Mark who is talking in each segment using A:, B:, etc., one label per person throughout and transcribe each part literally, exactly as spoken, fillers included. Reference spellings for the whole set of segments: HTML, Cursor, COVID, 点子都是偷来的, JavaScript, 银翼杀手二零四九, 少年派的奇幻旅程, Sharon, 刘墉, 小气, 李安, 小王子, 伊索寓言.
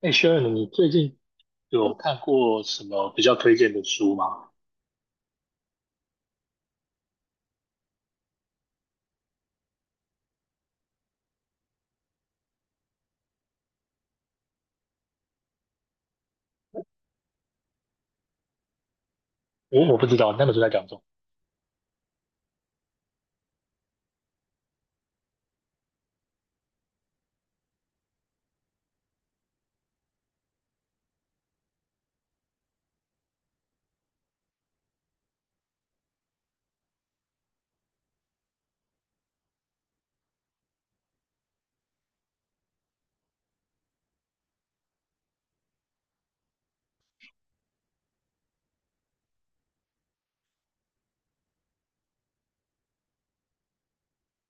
A: 哎，Sharon，你最近有看过什么比较推荐的书吗？我我不知道你那本书在讲什么。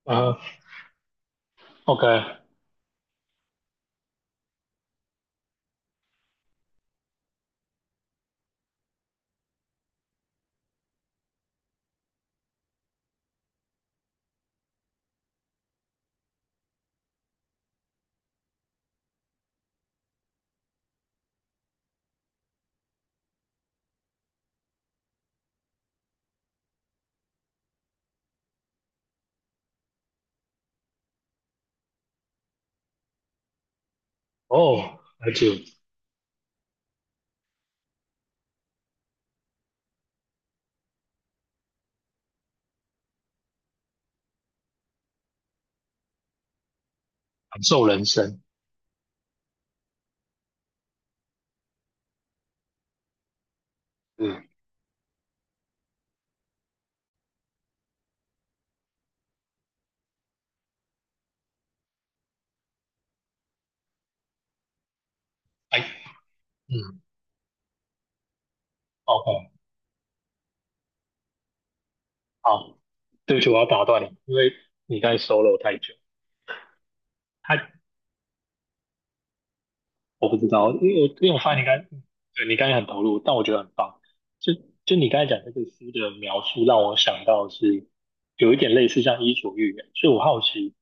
A: 啊，OK，哦，了解，感受人生。嗯，哎，嗯，OK，好，对不起，我要打断你，因为你刚才 solo 太久。太。我不知道，因为我因为我发现你刚才对你刚才很投入，但我觉得很棒。就就你刚才讲这个书的描述，让我想到是有一点类似像《伊索寓言》，所以我好奇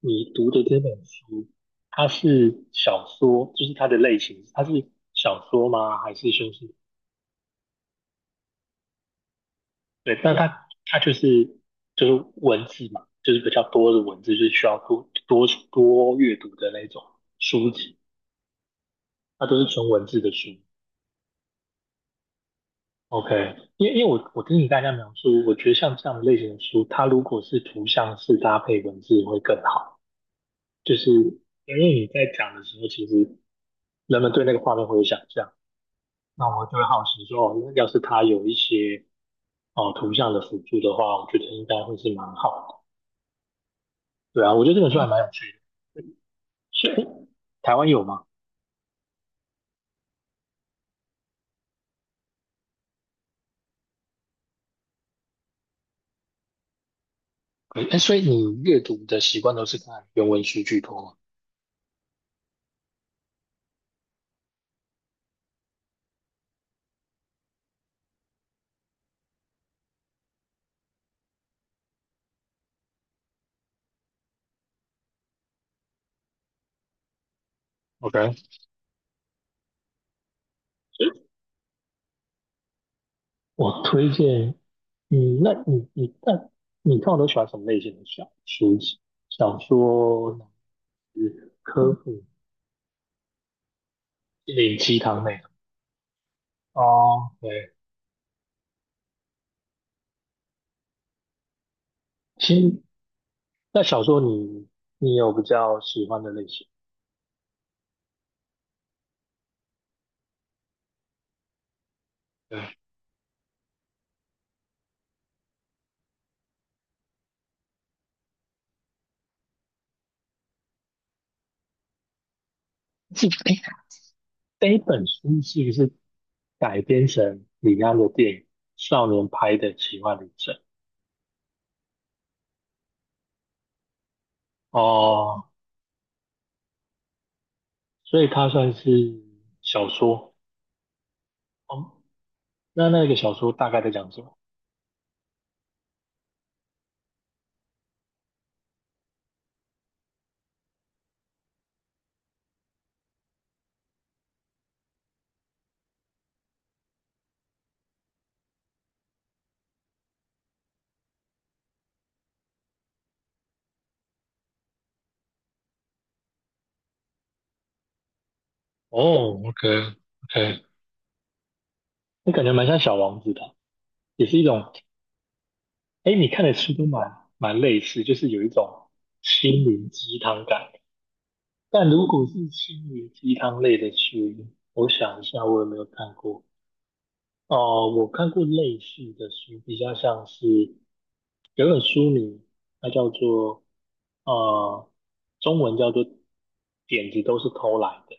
A: 你读的这本书，它是小说，就是它的类型，它是小说吗？还是就是对？但它它就是就是文字嘛，就是比较多的文字，就是需要多多多阅读的那种书籍，它都是纯文字的书。OK，因为因为我我听你大家描述，我觉得像这样的类型的书，它如果是图像式搭配文字会更好。就是因为你在讲的时候，其实人们对那个画面会有想象，那我就会好奇说，哦，要是它有一些哦图像的辅助的话，我觉得应该会是蛮好的。对啊，我觉得这本书还蛮有趣的。所以诶台湾有吗？哎，所以你阅读的习惯都是看原文书居多吗？OK，我推荐嗯，那你你那你看我都喜欢什么类型的小书籍？小说、是科普、心灵鸡汤那种？哦，对，其实那小说你你有比较喜欢的类型？对，这一本书是不是改编成李安的电影《少年派的奇幻旅程》？哦，所以它算是小说。哦，那那个小说大概在讲什么？哦，OK OK，那感觉蛮像《小王子》的，也是一种。哎，你看的书都蛮蛮类似，就是有一种心灵鸡汤感。但如果是心灵鸡汤类的书，我想一下，我有没有看过？哦、我看过类似的书，比较像是有一本书名，它叫做呃，中文叫做"点子都是偷来的"。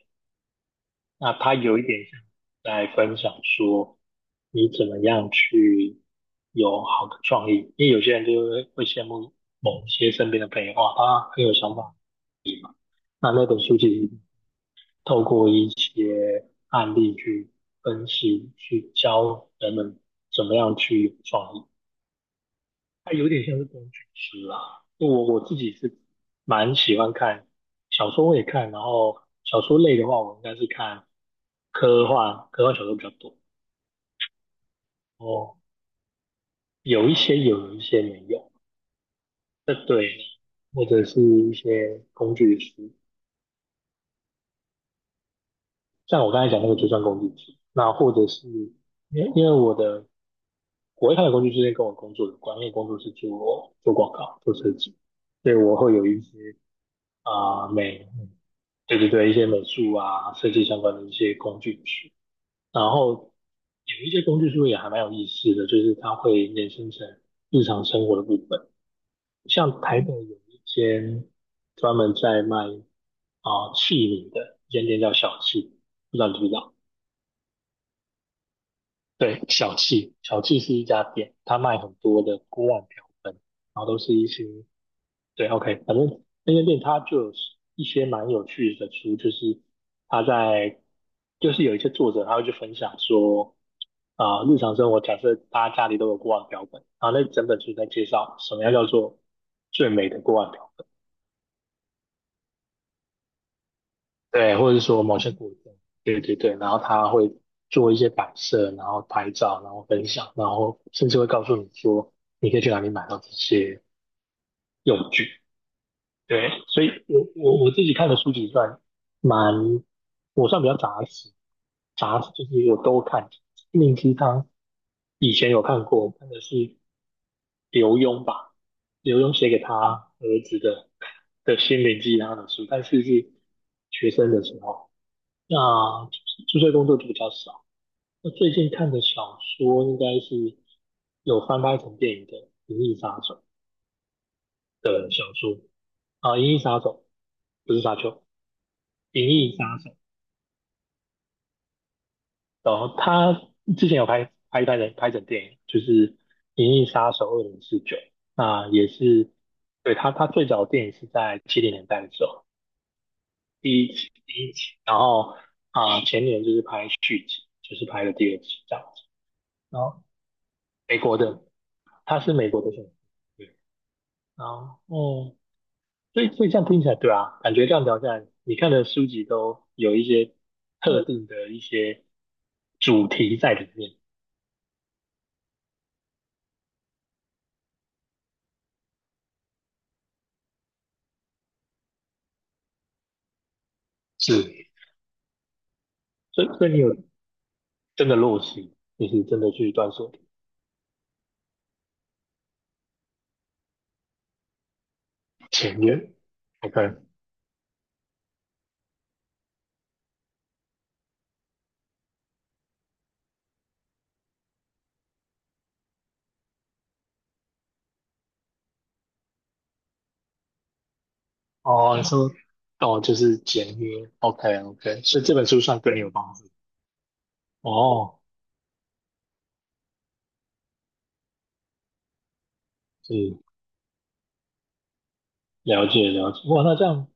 A: 那他有一点像在分享说，你怎么样去有好的创意，因为有些人就会会羡慕某些身边的朋友，哇，他很有想法。那那本书其实透过一些案例去分析，去教人们怎么样去有创意，它有点像是工具书啦。我我自己是蛮喜欢看小说，我也看，然后小说类的话，我应该是看科幻，科幻小说比较多。哦，有一些有，有一些没有。这对，或者是一些工具书，像我刚才讲那个就算工具书。那或者是因为因为我的我会看的工具书是跟我工作的关，因为工作是做做广告、做设计，所以我会有一些啊、美，对对对，一些美术啊、设计相关的一些工具书。然后有一些工具书也还蛮有意思的，就是它会衍生成日常生活的部分。像台北有一间专门在卖啊器皿的一间店叫小气，不知道你知不知道？对，小气，小气是一家店，它卖很多的锅碗瓢盆，然后都是一些对，OK，反正那间店它就有一些蛮有趣的书，就是他在就是有一些作者他会去分享说啊、日常生活假设大家家里都有锅碗瓢盆，然后那整本书在介绍什么样叫做最美的锅碗瓢盆。对，或者说某些国家，对对对，然后他会做一些摆设，然后拍照，然后分享，然后甚至会告诉你说你可以去哪里买到这些用具。对，所以我我我自己看的书籍算蛮，我算比较杂食，杂食就是我都看。心灵鸡汤以前有看过，看的是刘墉吧，刘墉写给他儿子的的心灵鸡汤的书，但是是学生的时候。那注册工作就比较少。那最近看的小说应该是有翻拍成电影的《银翼杀手》的小说啊，银翼杀手》不是沙丘，《银翼杀手》。然后他之前有拍拍拍成拍成电影，就是《银翼杀手二零四九》，那也是对他他最早的电影是在七零年代的时候第一期第一期，然后啊、前年就是拍续集，就是拍了第二集这样子。然后美国的他是美国的选手。对，然后，所以所以这样听起来，对啊，感觉这样聊下来，你看的书籍都有一些特定的一些主题在里面，是所以所以你有真的落实，就是真的去断舍离。前面 OK，哦，你说哦，就是简约 OK OK，所以这本书算对你有帮助。哦，是，了解了解。哇，那这样，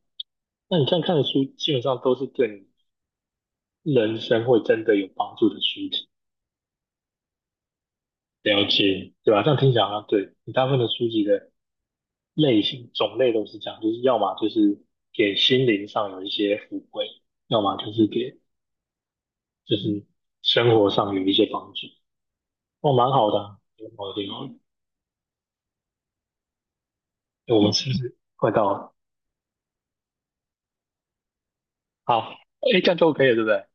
A: 那你这样看的书，基本上都是对你人生会真的有帮助的书籍。了解，对吧、这样听起来好像对，你大部分的书籍的类型种类都是这样，就是要么就是给心灵上有一些抚慰，要么就是给就是生活上有一些帮助。哦，蛮好的啊，蛮好的，挺好的诶我们是不是快到了？好，哎，这样就 OK 了，对不对？